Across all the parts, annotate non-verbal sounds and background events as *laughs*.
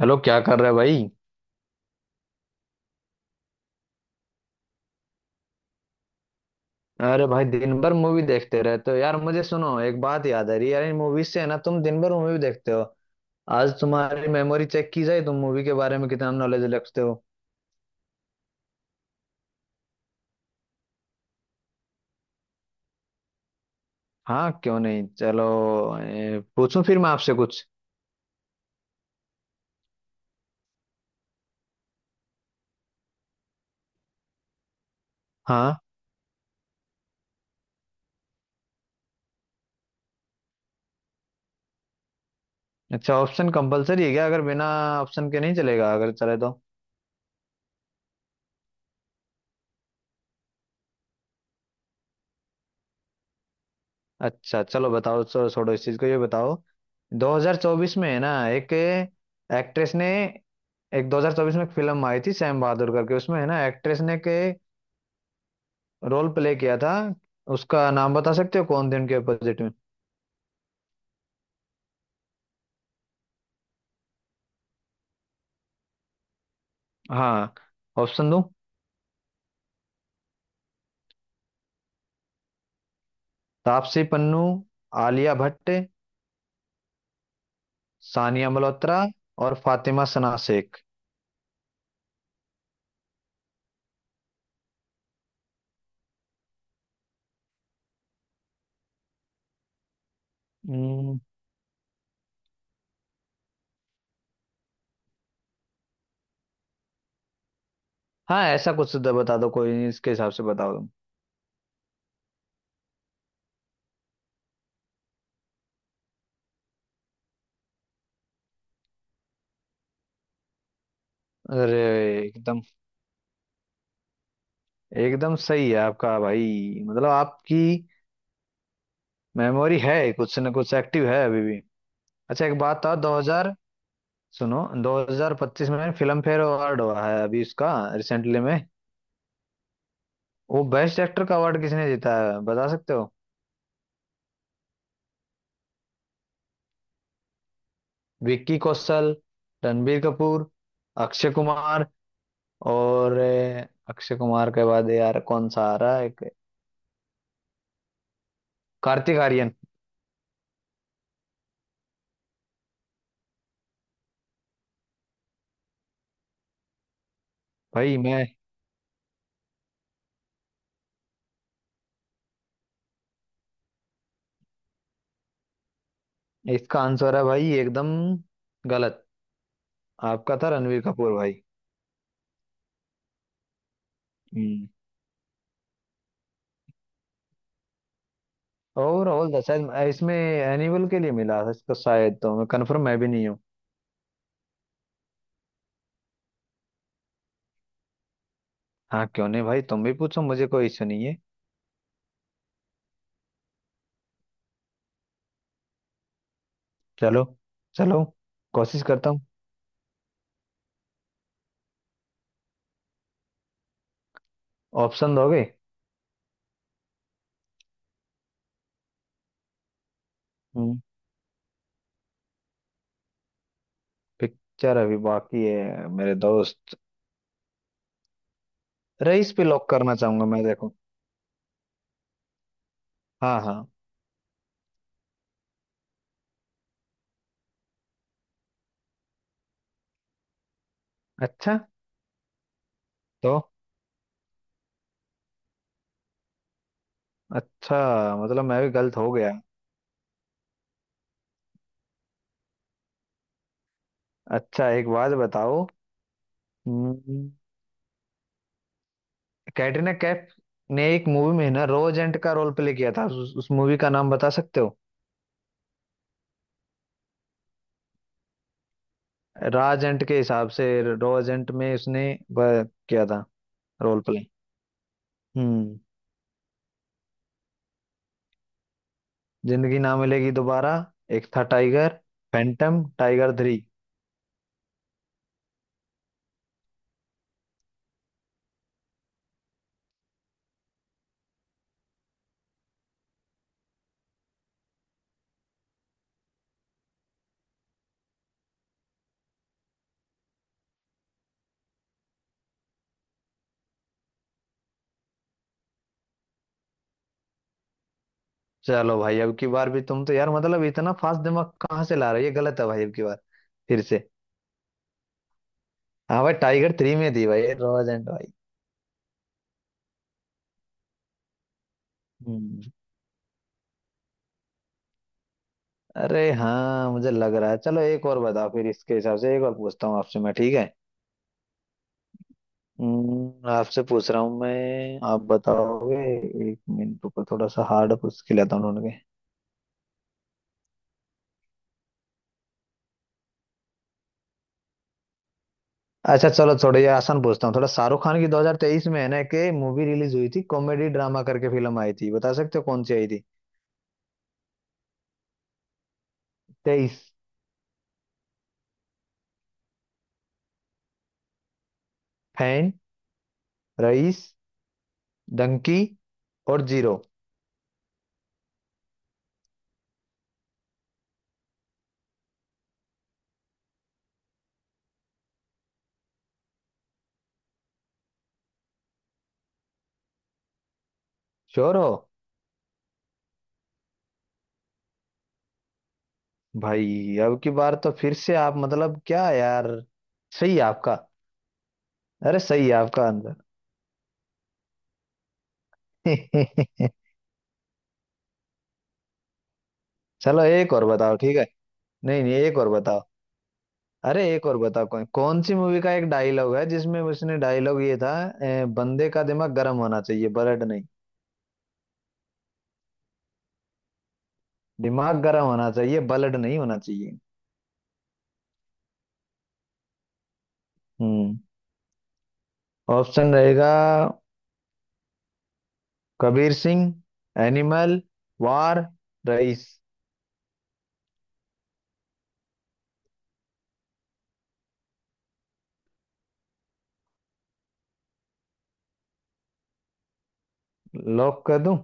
Hello क्या कर रहे भाई। अरे भाई दिन भर मूवी देखते रहते हो यार, मुझे सुनो एक बात याद आ रही है यार इन मूवीज से, है ना, तुम दिन भर मूवी देखते हो। आज तुम्हारी मेमोरी चेक की जाए, तुम मूवी के बारे में कितना नॉलेज रखते हो। हाँ क्यों नहीं, चलो। पूछूं फिर मैं आपसे कुछ। हाँ। अच्छा, ऑप्शन कंपलसरी है क्या? अगर बिना ऑप्शन के नहीं चलेगा, अगर चले तो। अच्छा चलो बताओ, चलो छोड़ो इस चीज को, ये बताओ। 2024 में है ना, एक एक्ट्रेस ने, एक 2024 में एक फिल्म आई थी सैम बहादुर करके, उसमें है ना एक्ट्रेस ने के रोल प्ले किया था, उसका नाम बता सकते हो, कौन थे उनके अपोजिट में। हाँ, ऑप्शन दूं? तापसी पन्नू, आलिया भट्ट, सानिया मल्होत्रा और फातिमा सना शेख। हम्म। हाँ, ऐसा कुछ बता दो, कोई नहीं, इसके हिसाब से बताओ तुम। अरे, एकदम, एकदम सही है आपका भाई, मतलब आपकी मेमोरी है कुछ ना कुछ, एक्टिव है अभी भी। अच्छा एक बात था 2000। सुनो, 2025 में फिल्म फेयर अवार्ड हुआ है अभी, उसका रिसेंटली में, वो बेस्ट एक्टर का अवार्ड किसने जीता है बता सकते हो? विक्की कौशल, रणबीर कपूर, अक्षय कुमार और अक्षय कुमार के बाद यार कौन सा आ रहा है, एक, कार्तिक आर्यन। भाई मैं, इसका आंसर है भाई, एकदम गलत। आपका था रणबीर कपूर भाई। हम्म। ओवरऑल था शायद, इसमें एनिमल के लिए मिला था इसको शायद, तो मैं कंफर्म मैं भी नहीं हूँ। हाँ क्यों नहीं भाई, तुम भी पूछो, मुझे कोई इश्यू नहीं है। चलो, चलो, कोशिश करता हूँ। ऑप्शन दोगे? हम्म। पिक्चर अभी बाकी है मेरे दोस्त। रईस पे लॉक करना चाहूंगा मैं, देखो। हाँ हाँ। अच्छा, तो अच्छा, मतलब मैं भी गलत हो गया। अच्छा एक बात बताओ। हम्म, कैटरीना कैफ ने एक मूवी में ना रोजेंट का रोल प्ले किया था, उस मूवी का नाम बता सकते हो? रॉ एजेंट के हिसाब से, रॉ एजेंट में उसने वह किया था, रोल प्ले। हम्म Zindagi Na Milegi Dobara, Ek Tha Tiger, Phantom, Tiger three. चलो भाई, अब की बार भी तुम तो यार, मतलब इतना फास्ट दिमाग कहाँ से ला रहे हो, ये गलत है भाई अब की बार, फिर से। हाँ भाई, टाइगर थ्री में थी भाई, रॉ एजेंट भाई। हम्म। अरे हाँ मुझे लग रहा है, चलो एक और बताओ, फिर इसके हिसाब से एक और पूछता हूँ आपसे मैं, ठीक है। आपसे पूछ रहा हूँ मैं, आप बताओगे। एक मिनट, ऊपर थोड़ा सा हार्ड पूछ के लेता हूँ, ढूंढ के। अच्छा चलो, थोड़ा ये आसान पूछता हूँ थोड़ा। शाहरुख खान की 2023 में है ना कि मूवी रिलीज हुई थी, कॉमेडी ड्रामा करके फिल्म आई थी, बता सकते हो कौन सी आई थी? 23। फैन, रईस, डंकी और जीरो। श्योर हो? भाई अब की बार तो फिर से आप, मतलब क्या यार, सही है आपका। अरे, सही है आपका आंसर। *laughs* चलो एक और बताओ, ठीक है। नहीं नहीं, एक और बताओ। अरे एक और बताओ, कौन कौन सी मूवी का एक डायलॉग है जिसमें उसने डायलॉग ये था, बंदे का दिमाग गर्म होना चाहिए ब्लड नहीं। दिमाग गर्म होना चाहिए, बलड नहीं होना चाहिए। हम्म ऑप्शन रहेगा। Kabir Singh, Animal, War, Raees. Lock कर दूं?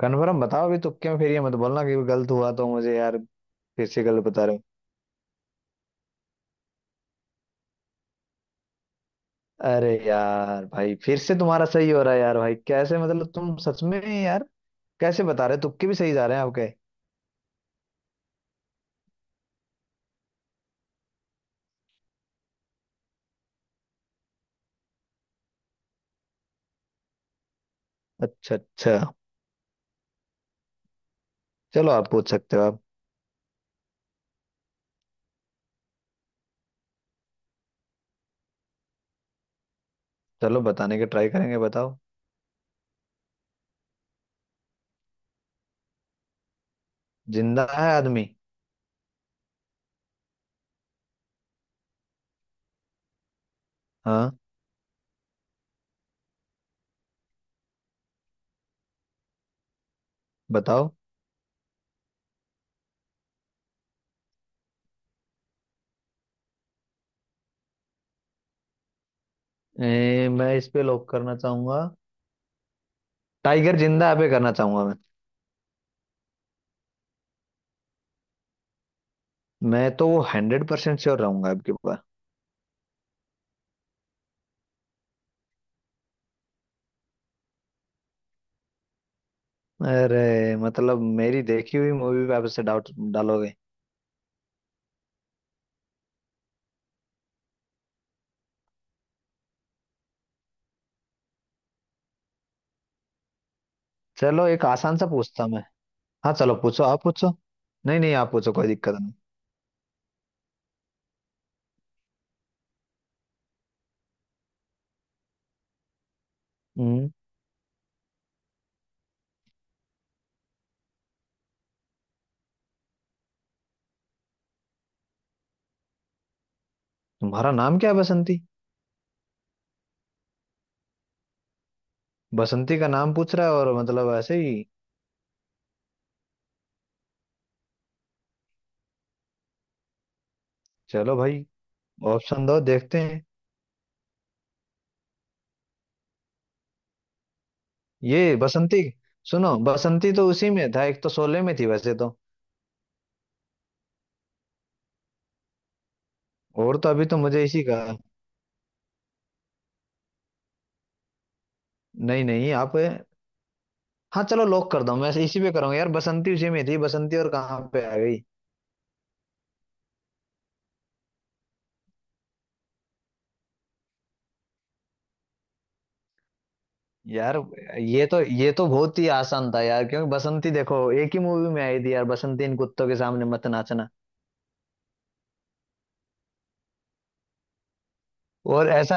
कन्फर्म बताओ अभी, तुक्के में फिर ये मत बोलना कि गलत हुआ, तो मुझे यार, फिर से गलत बता रहे हो। अरे यार भाई, फिर से तुम्हारा सही हो रहा है यार भाई, कैसे, मतलब तुम सच में यार, कैसे बता रहे हो, तुक्के भी सही जा रहे हैं आपके। अच्छा अच्छा। चलो आप पूछ सकते हो, आप। चलो, बताने के ट्राई करेंगे, बताओ। जिंदा है आदमी। हाँ, बताओ। मैं इस पे लॉक करना चाहूंगा, टाइगर जिंदा है पे करना चाहूंगा मैं। मैं तो 100% श्योर रहूंगा आपके ऊपर। अरे मतलब मेरी देखी हुई मूवी पे आप इससे डाउट डालोगे? चलो एक आसान सा पूछता मैं। हाँ चलो पूछो, आप पूछो। नहीं नहीं, आप पूछो कोई दिक्कत नहीं। हम्म तुम्हारा नाम क्या है बसंती। बसंती का नाम पूछ रहा है और, मतलब ऐसे ही। चलो भाई, ऑप्शन दो देखते हैं। ये बसंती, सुनो बसंती तो उसी में था, एक तो शोले में थी वैसे तो, और तो अभी तो मुझे इसी का। नहीं नहीं आप, हाँ चलो लॉक कर दो, मैं इसी पे करूंगा यार, बसंती उसी में थी, बसंती और कहाँ पे आ गई? यार ये तो, ये तो बहुत ही आसान था यार, क्योंकि बसंती देखो एक ही मूवी में आई थी यार, बसंती इन कुत्तों के सामने मत नाचना। और ऐसा,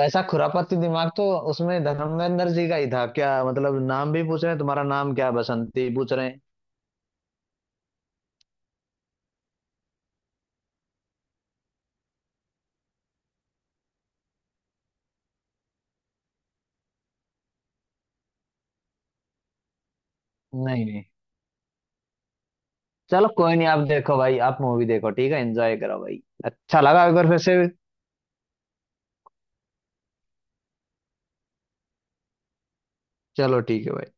ऐसा खुरापाती दिमाग तो उसमें धर्मेंद्र जी का ही था क्या, मतलब नाम भी पूछ रहे हैं, तुम्हारा नाम क्या है? बसंती पूछ रहे हैं। नहीं नहीं। चलो कोई नहीं, आप देखो भाई, आप मूवी देखो ठीक है, एंजॉय करो भाई, अच्छा लगा, अगर फिर से। चलो ठीक है भाई।